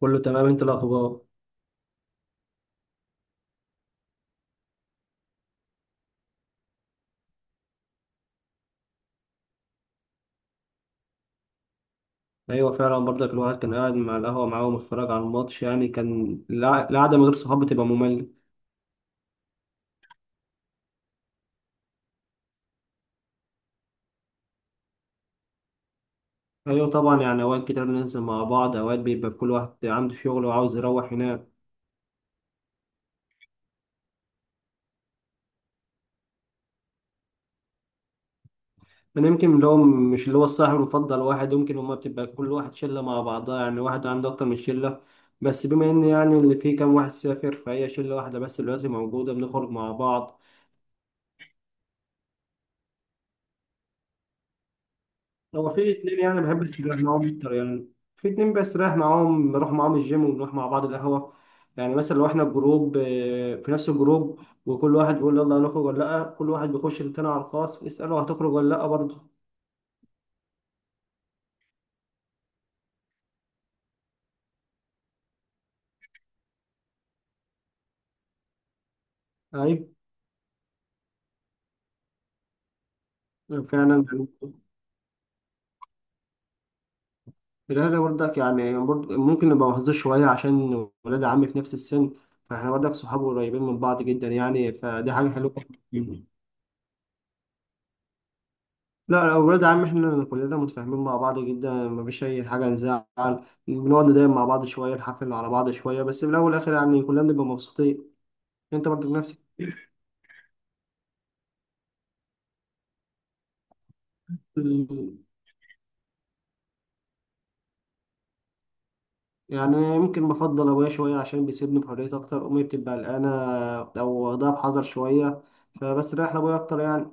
كله تمام. انت الاخبار؟ ايوه فعلا برضك الواحد كان قاعد مع القهوه معاهم واتفرج على الماتش، يعني كان القعده من غير صحاب بتبقى ممله. ايوه طبعا، يعني اوقات كتير بننزل مع بعض، اوقات بيبقى كل واحد عنده شغل وعاوز يروح هناك. انا يمكن اللي هو مش اللي هو الصاحب المفضل واحد، يمكن هما بتبقى كل واحد شله مع بعضها، يعني واحد عنده اكتر من شله. بس بما ان، يعني اللي فيه كام واحد سافر، فهي شله واحده بس دلوقتي موجوده بنخرج مع بعض. هو في اتنين يعني بحب استريح معاهم اكتر يعني. في اتنين بستريح معاهم، بروح معاهم الجيم، وبنروح مع بعض القهوة. يعني مثلا لو احنا الجروب، في نفس الجروب. وكل واحد بيقول يلا هنخرج ولا لأ، كل واحد بيخش للتاني على الخاص يسأله هتخرج ولا لأ برضه. أيوة، فعلا يعني. الأهل برضك، يعني برضه ممكن نبقى محظوظ شوية عشان ولاد عمي في نفس السن. فاحنا برضك صحاب قريبين من بعض جدا، يعني فدي حاجة حلوة. لا، اولاد عم احنا كلنا متفاهمين مع بعض جدا، مفيش اي حاجه نزعل. بنقعد نضايق مع بعض شويه، نحفل على بعض شويه، بس في الاول والاخر يعني كلنا بنبقى مبسوطين. انت برضه بنفسك. يعني يمكن بفضل ابويا شويه عشان بيسيبني بحرية اكتر، امي بتبقى قلقانه. او واخدها بحذر شويه. فبس رايح لابويا اكتر يعني.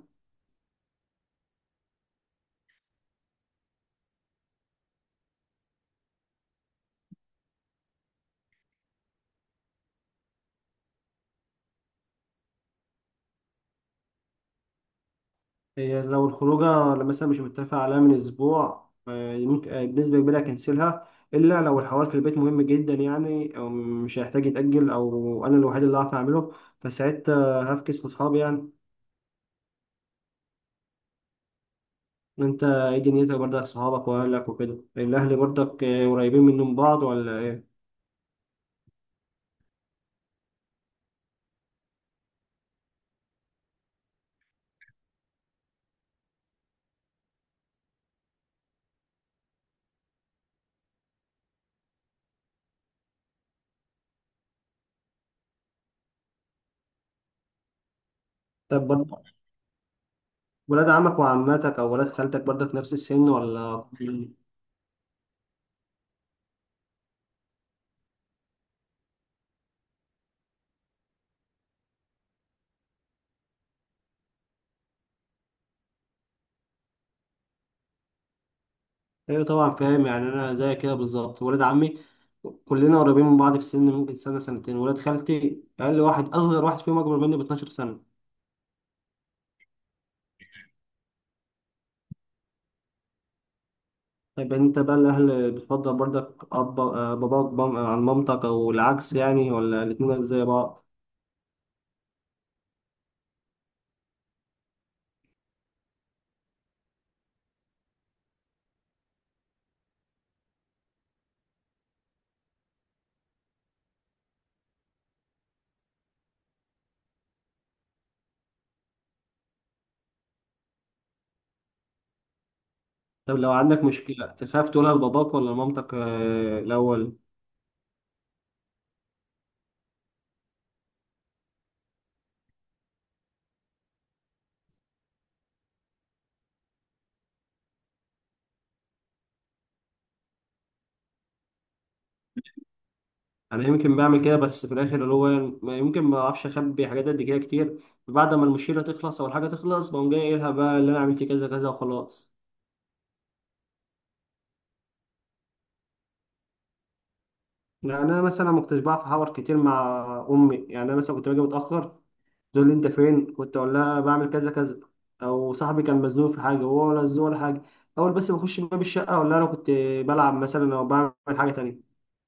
هي لو الخروجة اللي مثلا مش متفق عليها من أسبوع، ممكن بنسبة كبيرة أكنسلها. إلا لو الحوار في البيت مهم جدا، يعني أو مش هيحتاج يتأجل، أو أنا الوحيد اللي هعرف أعمله. فساعتها هفكس لأصحابي يعني. أنت إيه دنيتك برضك؟ صحابك وأهلك وكده، الأهل برضك قريبين منهم بعض ولا إيه؟ طب برضك، ولاد عمك وعماتك أو ولاد خالتك برضك نفس السن ولا؟ ايوه طبعا فاهم، يعني انا زي كده بالظبط ولاد عمي. كلنا قريبين من بعض في السن، ممكن سنه سنتين، ولاد خالتي اقل واحد اصغر واحد فيهم اكبر مني ب 12 سنه. طيب، يعني انت بقى الاهل بتفضل برضك اب آه، باباك عن مامتك او العكس، يعني ولا الاتنين زي بعض؟ طب لو عندك مشكله تخاف تقولها لباباك ولا لمامتك الاول؟ انا يمكن بعمل كده، بس في الاخر اللي هو يمكن ما اعرفش اخبي حاجات قد كده كتير. بعد ما المشكله تخلص او الحاجه تخلص بقوم جاي قايلها بقى، اللي انا عملت كذا كذا وخلاص. يعني انا مثلا ما كنتش بعرف احاور كتير مع امي، يعني انا مثلا كنت باجي متاخر. تقول لي انت فين كنت، اقول لها بعمل كذا كذا. او صاحبي كان مزنوق في حاجه، وهو ولا مزنوق ولا حاجه. اول بس ما اخش باب الشقه اقول لها انا كنت بلعب مثلا او بعمل حاجه تانية.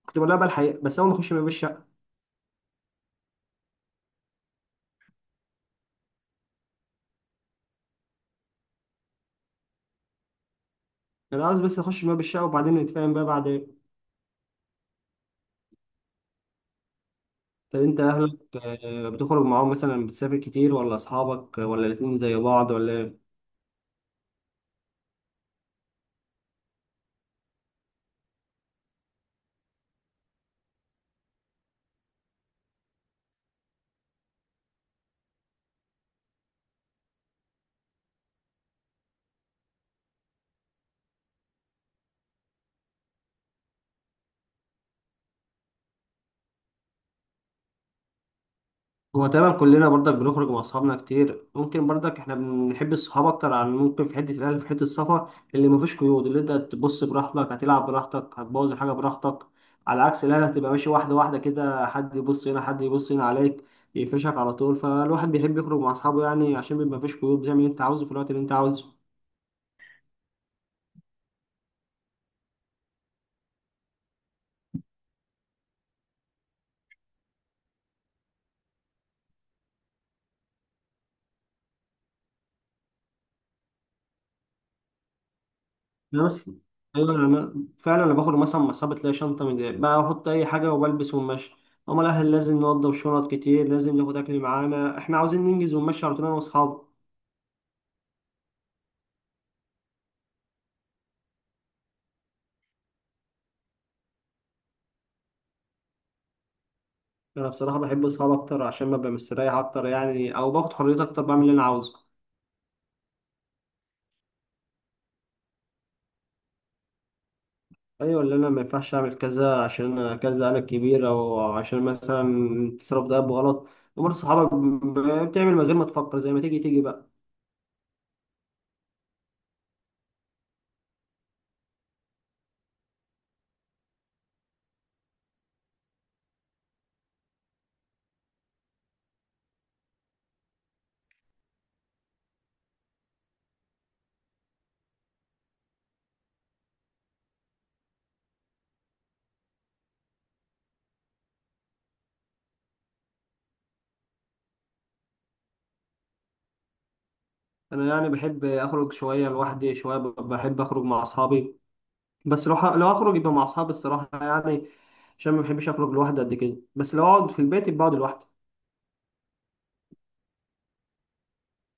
كنت بقول لها بقى الحقيقه بس اول ما اخش باب الشقه. انا عاوز بس اخش باب الشقه وبعدين نتفاهم بقى بعد. طب انت اهلك، بتخرج معاهم مثلا، بتسافر كتير ولا اصحابك ولا الاتنين زي بعض ولا إيه؟ هو تقريبا كلنا برضك بنخرج مع اصحابنا كتير، ممكن برضك احنا بنحب الصحاب اكتر عن ممكن في حته الاهل في حته السفر. اللي مفيش قيود، اللي انت تبص براحتك، هتلعب براحتك، هتبوظ الحاجه براحتك. على عكس الاهل، هتبقى ماشي واحده واحده كده، حد يبص هنا حد يبص هنا عليك. يقفشك على طول، فالواحد بيحب يخرج مع اصحابه يعني، عشان بيبقى مفيش قيود، بتعمل اللي انت عاوزه في الوقت اللي انت عاوزه. لا بس، ايوه انا فعلا انا باخد مثلا مصابة، تلاقي شنطه من دي، بقى احط اي حاجه وبلبس ونمشي. امال الاهل لازم نوضب شنط كتير، لازم ناخد اكل معانا، احنا عاوزين ننجز ونمشي على طول انا واصحابي. انا بصراحه بحب اصحابي اكتر، عشان ببقى مستريح اكتر، يعني او باخد حريتي اكتر بعمل اللي انا عاوزه. ايوه، اللي انا ما ينفعش اعمل كذا عشان انا كذا انا الكبير، او عشان مثلا تصرف ده بغلط. امال صحابك بتعمل من غير ما تفكر، زي ما تيجي تيجي بقى. انا يعني بحب اخرج شويه لوحدي، شويه بحب اخرج مع اصحابي. بس لو هخرج يبقى مع اصحابي، الصراحه يعني. عشان ما بحبش اخرج لوحدي قد كده، بس لو اقعد في البيت يبقى اقعد لوحدي.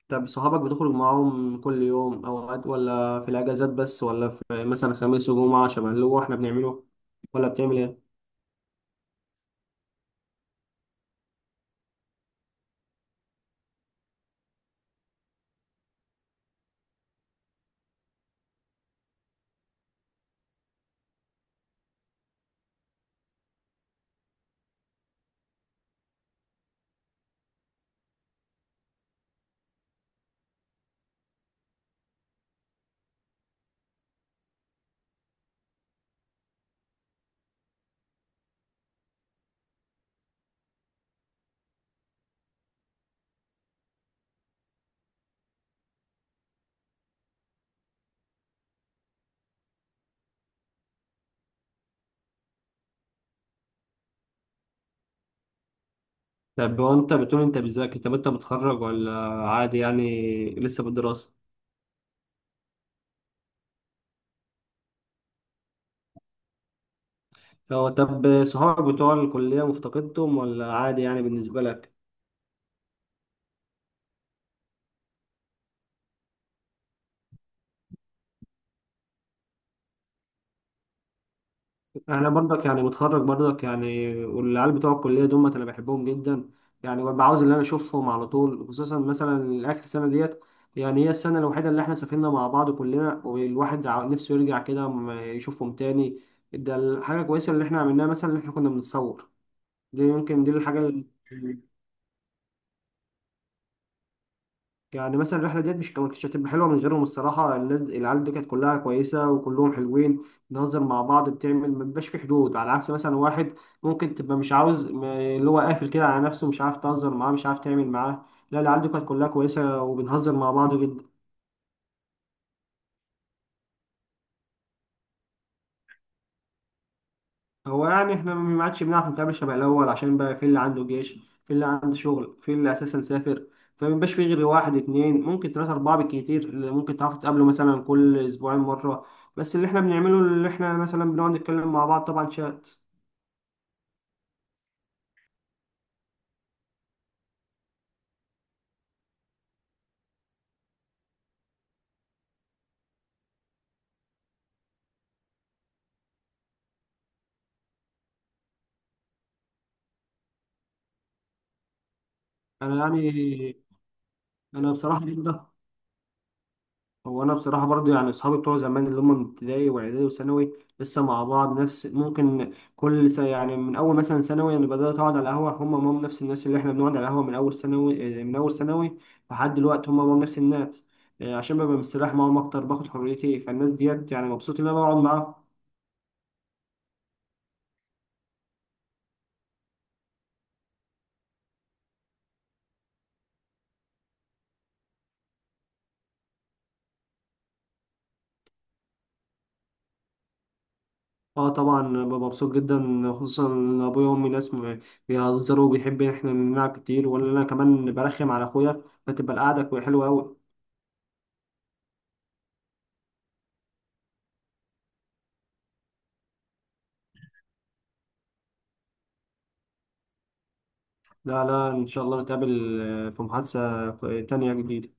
طب صحابك بتخرج معاهم كل يوم اوقات، ولا في الاجازات بس، ولا في مثلا خميس وجمعه شبه اللي هو احنا بنعمله؟ ولا بتعمل ايه؟ طب هو انت بتقول انت بتذاكر، طب انت متخرج ولا؟ عادي يعني، لسه بالدراسه؟ هو طب صحابك بتوع الكليه مفتقدتهم، ولا عادي يعني بالنسبه لك؟ انا برضك يعني متخرج برضك يعني، والعيال بتوع الكليه دول انا بحبهم جدا. يعني ببقى عاوز ان انا اشوفهم على طول، خصوصا مثلا اخر سنه ديت. يعني هي السنه الوحيده اللي احنا سافرنا مع بعض كلنا، والواحد نفسه يرجع كده يشوفهم تاني. ده الحاجه كويسه اللي احنا عملناها، مثلا ان احنا كنا بنتصور. دي يمكن دي الحاجه. يعني مثلا الرحله ديت مش كانت هتبقى حلوه من غيرهم، الصراحه الناس العيال دي كانت كلها كويسه وكلهم حلوين. بنهزر مع بعض، بتعمل ما بيبقاش في حدود، على عكس مثلا واحد ممكن تبقى مش عاوز اللي هو قافل كده على نفسه، مش عارف تهزر معاه مش عارف تعمل معاه. لا، العيال دي كانت كلها كويسه وبنهزر مع بعض جدا. هو يعني احنا ما عادش بنعرف نتعامل شبه الاول، عشان بقى في اللي عنده جيش، في اللي عنده شغل، في اللي اساسا سافر. فمبقاش في غير واحد اتنين، ممكن تلاتة أربعة بالكتير، اللي ممكن تعرفوا تقابلوا مثلا كل أسبوعين مرة. بس اللي احنا بنعمله، اللي احنا مثلا بنقعد نتكلم مع بعض طبعا شات. أنا يعني، أنا بصراحة. هو انا بصراحه برضو، يعني اصحابي بتوع زمان اللي هم من ابتدائي واعدادي وثانوي لسه مع بعض نفس ممكن يعني من اول مثلا ثانوي انا بدات اقعد على القهوه، هم نفس الناس اللي احنا بنقعد على القهوه من اول ثانوي لحد دلوقتي هم نفس الناس. عشان ببقى مستريح معاهم اكتر، باخد حريتي، فالناس ديت يعني مبسوط ان انا بقعد معاهم. اه طبعا ببقى مبسوط جدا، خصوصا ان ابويا وامي ناس بيهزروا وبيحب ان احنا نلعب كتير ولا انا كمان برخم على اخويا. فتبقى القعده حلوه قوي. لا، لا، إن شاء الله نتقابل في محادثة تانية جديدة.